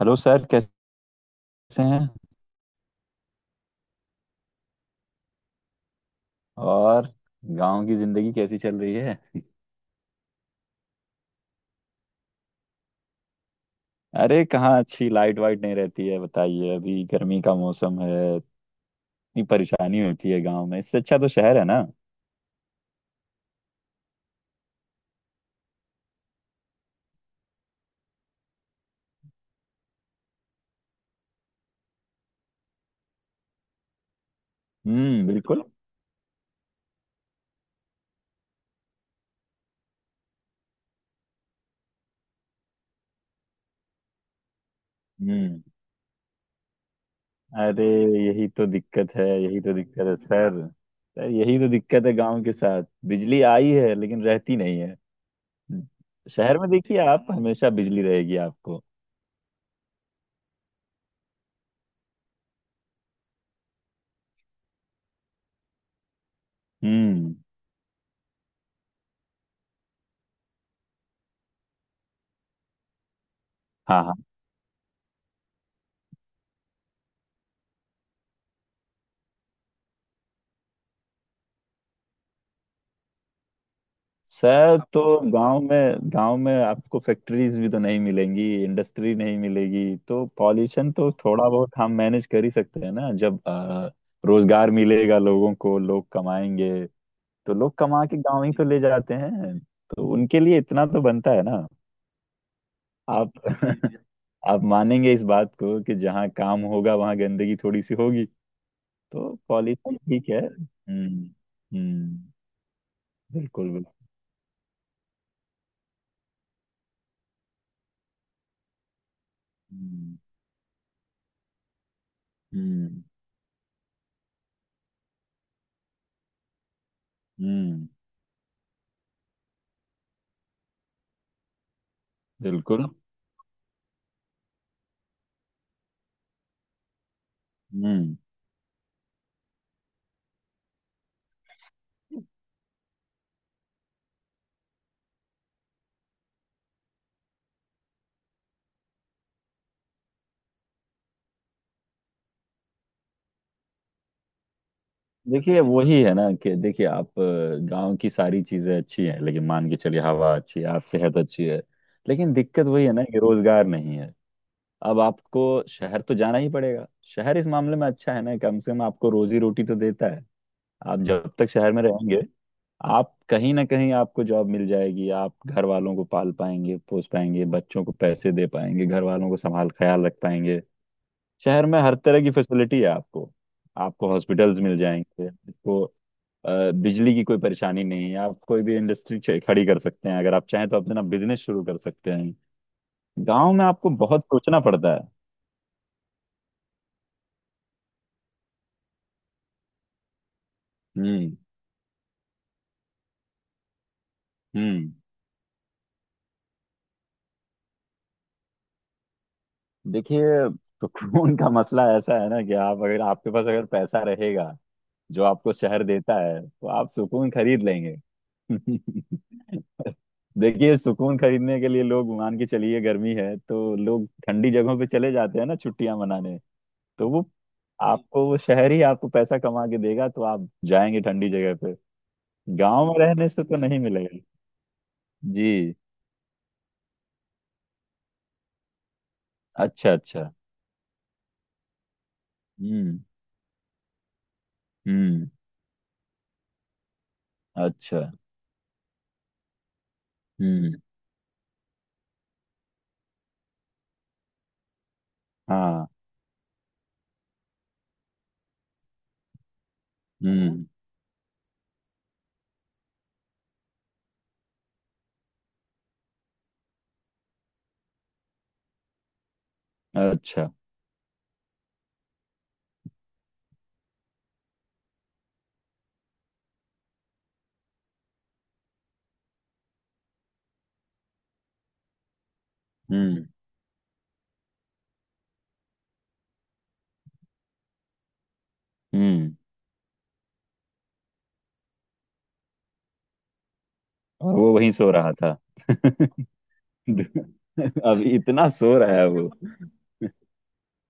Hello sir, कैसे हैं? और गांव की जिंदगी कैसी चल रही है? अरे कहाँ अच्छी! लाइट वाइट नहीं रहती है, बताइए। अभी गर्मी का मौसम है, इतनी परेशानी होती है गांव में। इससे अच्छा तो शहर है ना। हम्म, बिल्कुल। हम्म। अरे, यही तो दिक्कत है, यही तो दिक्कत है सर। सर, यही तो दिक्कत है गांव के साथ। बिजली आई है लेकिन रहती नहीं है। हम्म। शहर में देखिए, आप हमेशा बिजली रहेगी आपको। हम्म। हाँ। सर, तो गांव में आपको फैक्ट्रीज भी तो नहीं मिलेंगी, इंडस्ट्री नहीं मिलेगी, तो पॉल्यूशन तो थोड़ा बहुत हम मैनेज कर ही सकते हैं ना। जब रोजगार मिलेगा लोगों को, लोग कमाएंगे, तो लोग कमा के गांव ही तो ले जाते हैं, तो उनके लिए इतना तो बनता है ना। आप आप मानेंगे इस बात को कि जहाँ काम होगा वहाँ गंदगी थोड़ी सी होगी। तो पॉल्यूशन ठीक है। हम्म। हम्म, बिल्कुल बिल्कुल। हम्म। हम्म। हम्म, बिल्कुल। हम्म। देखिए, वही है ना कि देखिए, आप गांव की सारी चीजें अच्छी हैं, लेकिन मान के चलिए हवा अच्छी है, आप सेहत अच्छी है, लेकिन दिक्कत वही है ना कि रोजगार नहीं है। अब आपको शहर तो जाना ही पड़ेगा। शहर इस मामले में अच्छा है ना, कम से कम आपको रोजी रोटी तो देता है। आप जब तक शहर में रहेंगे, आप कहीं ना कहीं आपको जॉब मिल जाएगी, आप घर वालों को पाल पाएंगे, पोस पाएंगे, बच्चों को पैसे दे पाएंगे, घर वालों को संभाल ख्याल रख पाएंगे। शहर में हर तरह की फैसिलिटी है आपको। आपको हॉस्पिटल्स मिल जाएंगे आपको। बिजली की कोई परेशानी नहीं है, आप कोई भी इंडस्ट्री खड़ी कर सकते हैं, अगर आप चाहें तो अपना बिजनेस शुरू कर सकते हैं। गांव में आपको बहुत सोचना पड़ता है। हम्म। हम्म। देखिए, सुकून का मसला ऐसा है ना कि आप अगर, आपके पास अगर पैसा रहेगा जो आपको शहर देता है, तो आप सुकून खरीद लेंगे। देखिए, सुकून खरीदने के लिए लोग मान के चलिए गर्मी है तो लोग ठंडी जगहों पे चले जाते हैं ना, छुट्टियां मनाने। तो वो आपको वो शहर ही आपको पैसा कमा के देगा, तो आप जाएंगे ठंडी जगह पे। गांव में रहने से तो नहीं मिलेगा। जी। अच्छा अच्छा। हम्म। हम्म। अच्छा। हम्म। हाँ। हम्म। अच्छा। हम्म। हम्म। और वो वहीं सो रहा था। अब इतना सो रहा है वो।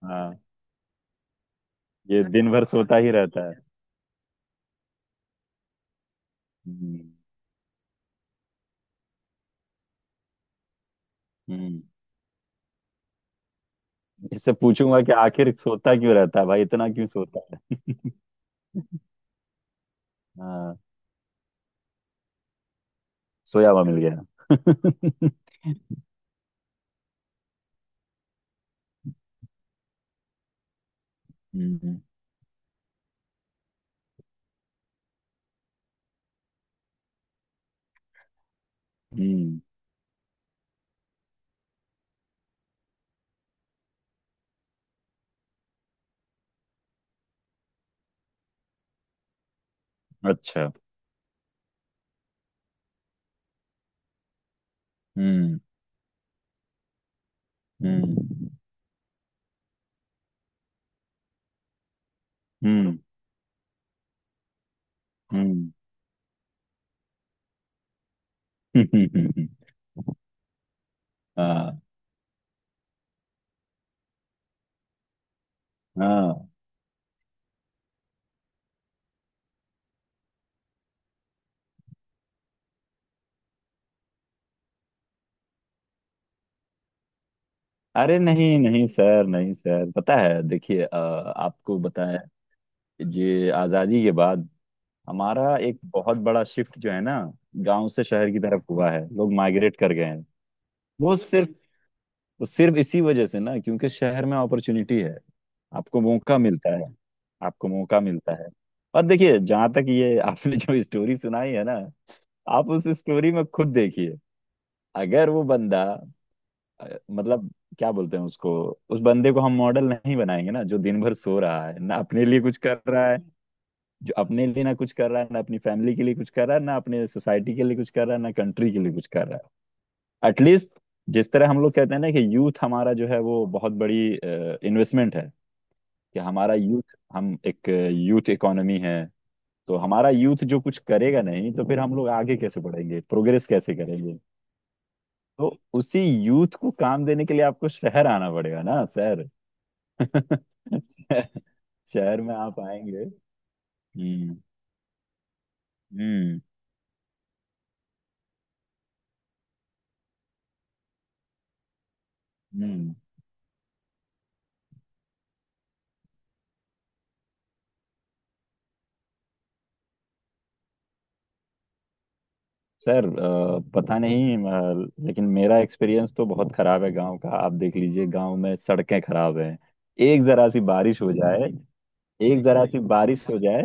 हाँ, ये दिन भर सोता ही रहता है। हम्म। हम्म। इससे पूछूंगा कि आखिर सोता क्यों रहता है, भाई इतना क्यों सोता है? हाँ, सोया हुआ मिल गया। हम्म। हम्म। अच्छा। हम्म। हम्म। हम्म। हम्म। हम्म। हाँ। हाँ। अरे नहीं नहीं सर, नहीं सर, पता है, देखिए आपको बताएं, ये आज़ादी के बाद हमारा एक बहुत बड़ा शिफ्ट जो है ना, गांव से शहर की तरफ हुआ है, लोग माइग्रेट कर गए हैं। वो सिर्फ वो सिर्फ इसी वजह से ना, क्योंकि शहर में अपॉर्चुनिटी है। आपको मौका मिलता है। आपको मौका मिलता है। और देखिए, जहां तक ये आपने जो स्टोरी सुनाई है ना, आप उस स्टोरी में खुद देखिए। अगर वो बंदा, मतलब क्या बोलते हैं उसको, उस बंदे को हम मॉडल नहीं बनाएंगे ना, जो दिन भर सो रहा है, ना अपने लिए कुछ कर रहा है। जो अपने लिए ना कुछ कर रहा है, ना अपनी फैमिली के लिए कुछ कर रहा है, ना अपने सोसाइटी के लिए कुछ कर रहा है, ना कंट्री के लिए कुछ कर रहा है। एटलीस्ट, जिस तरह हम लोग कहते हैं ना कि यूथ हमारा जो है वो बहुत बड़ी इन्वेस्टमेंट है। कि हमारा यूथ, हम एक यूथ इकोनॉमी है। तो हमारा यूथ जो कुछ करेगा नहीं, तो फिर हम लोग आगे कैसे बढ़ेंगे, प्रोग्रेस कैसे करेंगे? तो उसी यूथ को काम देने के लिए आपको शहर आना पड़ेगा ना, शहर। शहर में आप आएंगे। हम्म। हम्म। हम्म। सर पता नहीं, लेकिन मेरा एक्सपीरियंस तो बहुत खराब है गांव का। आप देख लीजिए, गांव में सड़कें खराब हैं, एक जरा सी बारिश हो जाए। एक जरा सी बारिश हो जाए,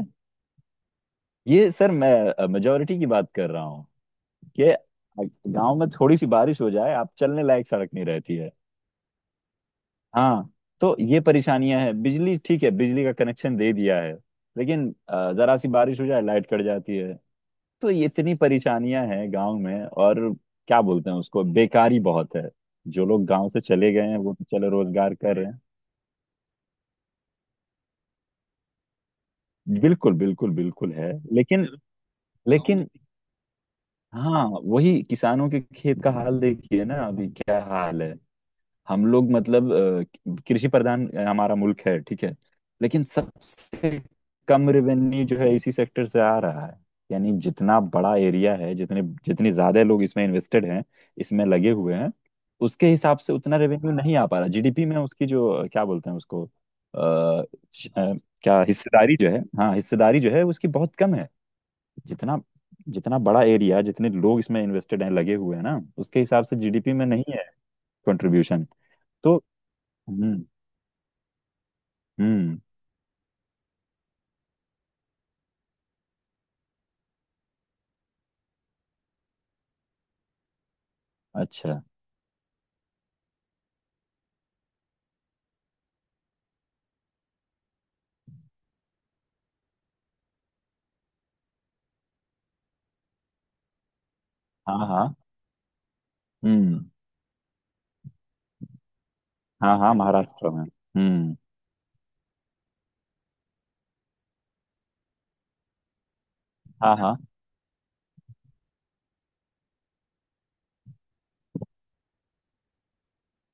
ये सर मैं मेजोरिटी की बात कर रहा हूँ कि गांव में थोड़ी सी बारिश हो जाए, आप चलने लायक सड़क नहीं रहती है। हाँ। तो ये परेशानियां हैं। बिजली ठीक है, बिजली का कनेक्शन दे दिया है, लेकिन जरा सी बारिश हो जाए, लाइट कट जाती है। तो ये इतनी परेशानियां हैं गांव में। और क्या बोलते हैं उसको, बेकारी बहुत है। जो लोग गांव से चले गए हैं वो तो चलो रोजगार कर रहे हैं। बिल्कुल बिल्कुल बिल्कुल है, लेकिन फिर गाँव में, लेकिन, हाँ, वही किसानों के खेत का हाल देखिए ना, अभी क्या हाल है। हम लोग मतलब, कृषि प्रधान हमारा मुल्क है ठीक है। लेकिन सबसे कम रेवेन्यू जो है इसी सेक्टर से आ रहा है। यानी जितना बड़ा एरिया है, जितने जितने ज्यादा लोग इसमें इन्वेस्टेड हैं, इसमें लगे हुए हैं, उसके हिसाब से उतना रेवेन्यू नहीं आ पा रहा जीडीपी में। उसकी जो क्या बोलते हैं उसको, श- अ, क्या हिस्सेदारी जो है, हाँ हिस्सेदारी जो है उसकी बहुत कम है। जितना जितना बड़ा एरिया, जितने लोग इसमें इन्वेस्टेड हैं, लगे हुए हैं ना, उसके हिसाब से जीडीपी में नहीं है कंट्रीब्यूशन। हम्म। हम्म। अच्छा। हाँ हाँ। हम्म। हाँ हाँ, महाराष्ट्र में। हम्म। हाँ हाँ।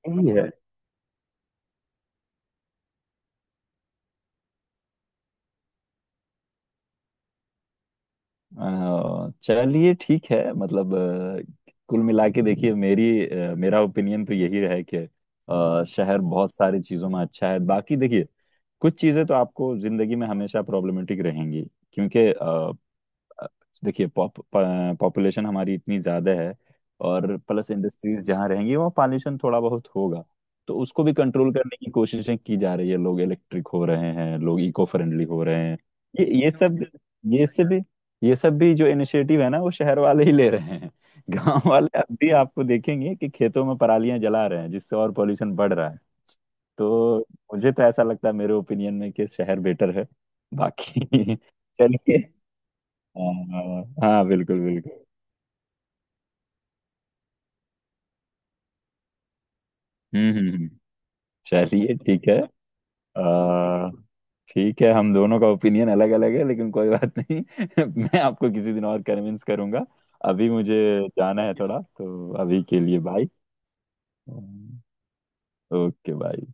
सही है। चलिए ठीक है, मतलब कुल मिला के देखिए, मेरी मेरा ओपिनियन तो यही है कि शहर बहुत सारी चीज़ों में अच्छा है। बाकी देखिए, कुछ चीज़ें तो आपको जिंदगी में हमेशा प्रॉब्लमेटिक रहेंगी, क्योंकि अ, देखिए, पॉपुलेशन हमारी इतनी ज़्यादा है, और प्लस इंडस्ट्रीज जहाँ रहेंगी वहाँ पॉल्यूशन थोड़ा बहुत होगा। तो उसको भी कंट्रोल करने की कोशिशें की जा रही है, लोग इलेक्ट्रिक हो रहे हैं, लोग इको फ्रेंडली हो रहे हैं। ये ये सब ये सब भी ये सब भी जो इनिशिएटिव है ना, वो शहर वाले ही ले रहे हैं। गांव वाले अब भी आपको देखेंगे कि खेतों में परालियां जला रहे हैं, जिससे और पॉल्यूशन बढ़ रहा है। तो मुझे तो ऐसा लगता है, मेरे ओपिनियन में, कि शहर बेटर है। बाकी चलिए। हाँ हाँ, बिल्कुल बिल्कुल। हम्म। हम्म। हम्म। चलिए ठीक है। आ, ठीक है, हम दोनों का ओपिनियन अलग अलग है, लेकिन कोई बात नहीं। मैं आपको किसी दिन और कन्विंस करूंगा। अभी मुझे जाना है थोड़ा, तो अभी के लिए बाय। Okay bye.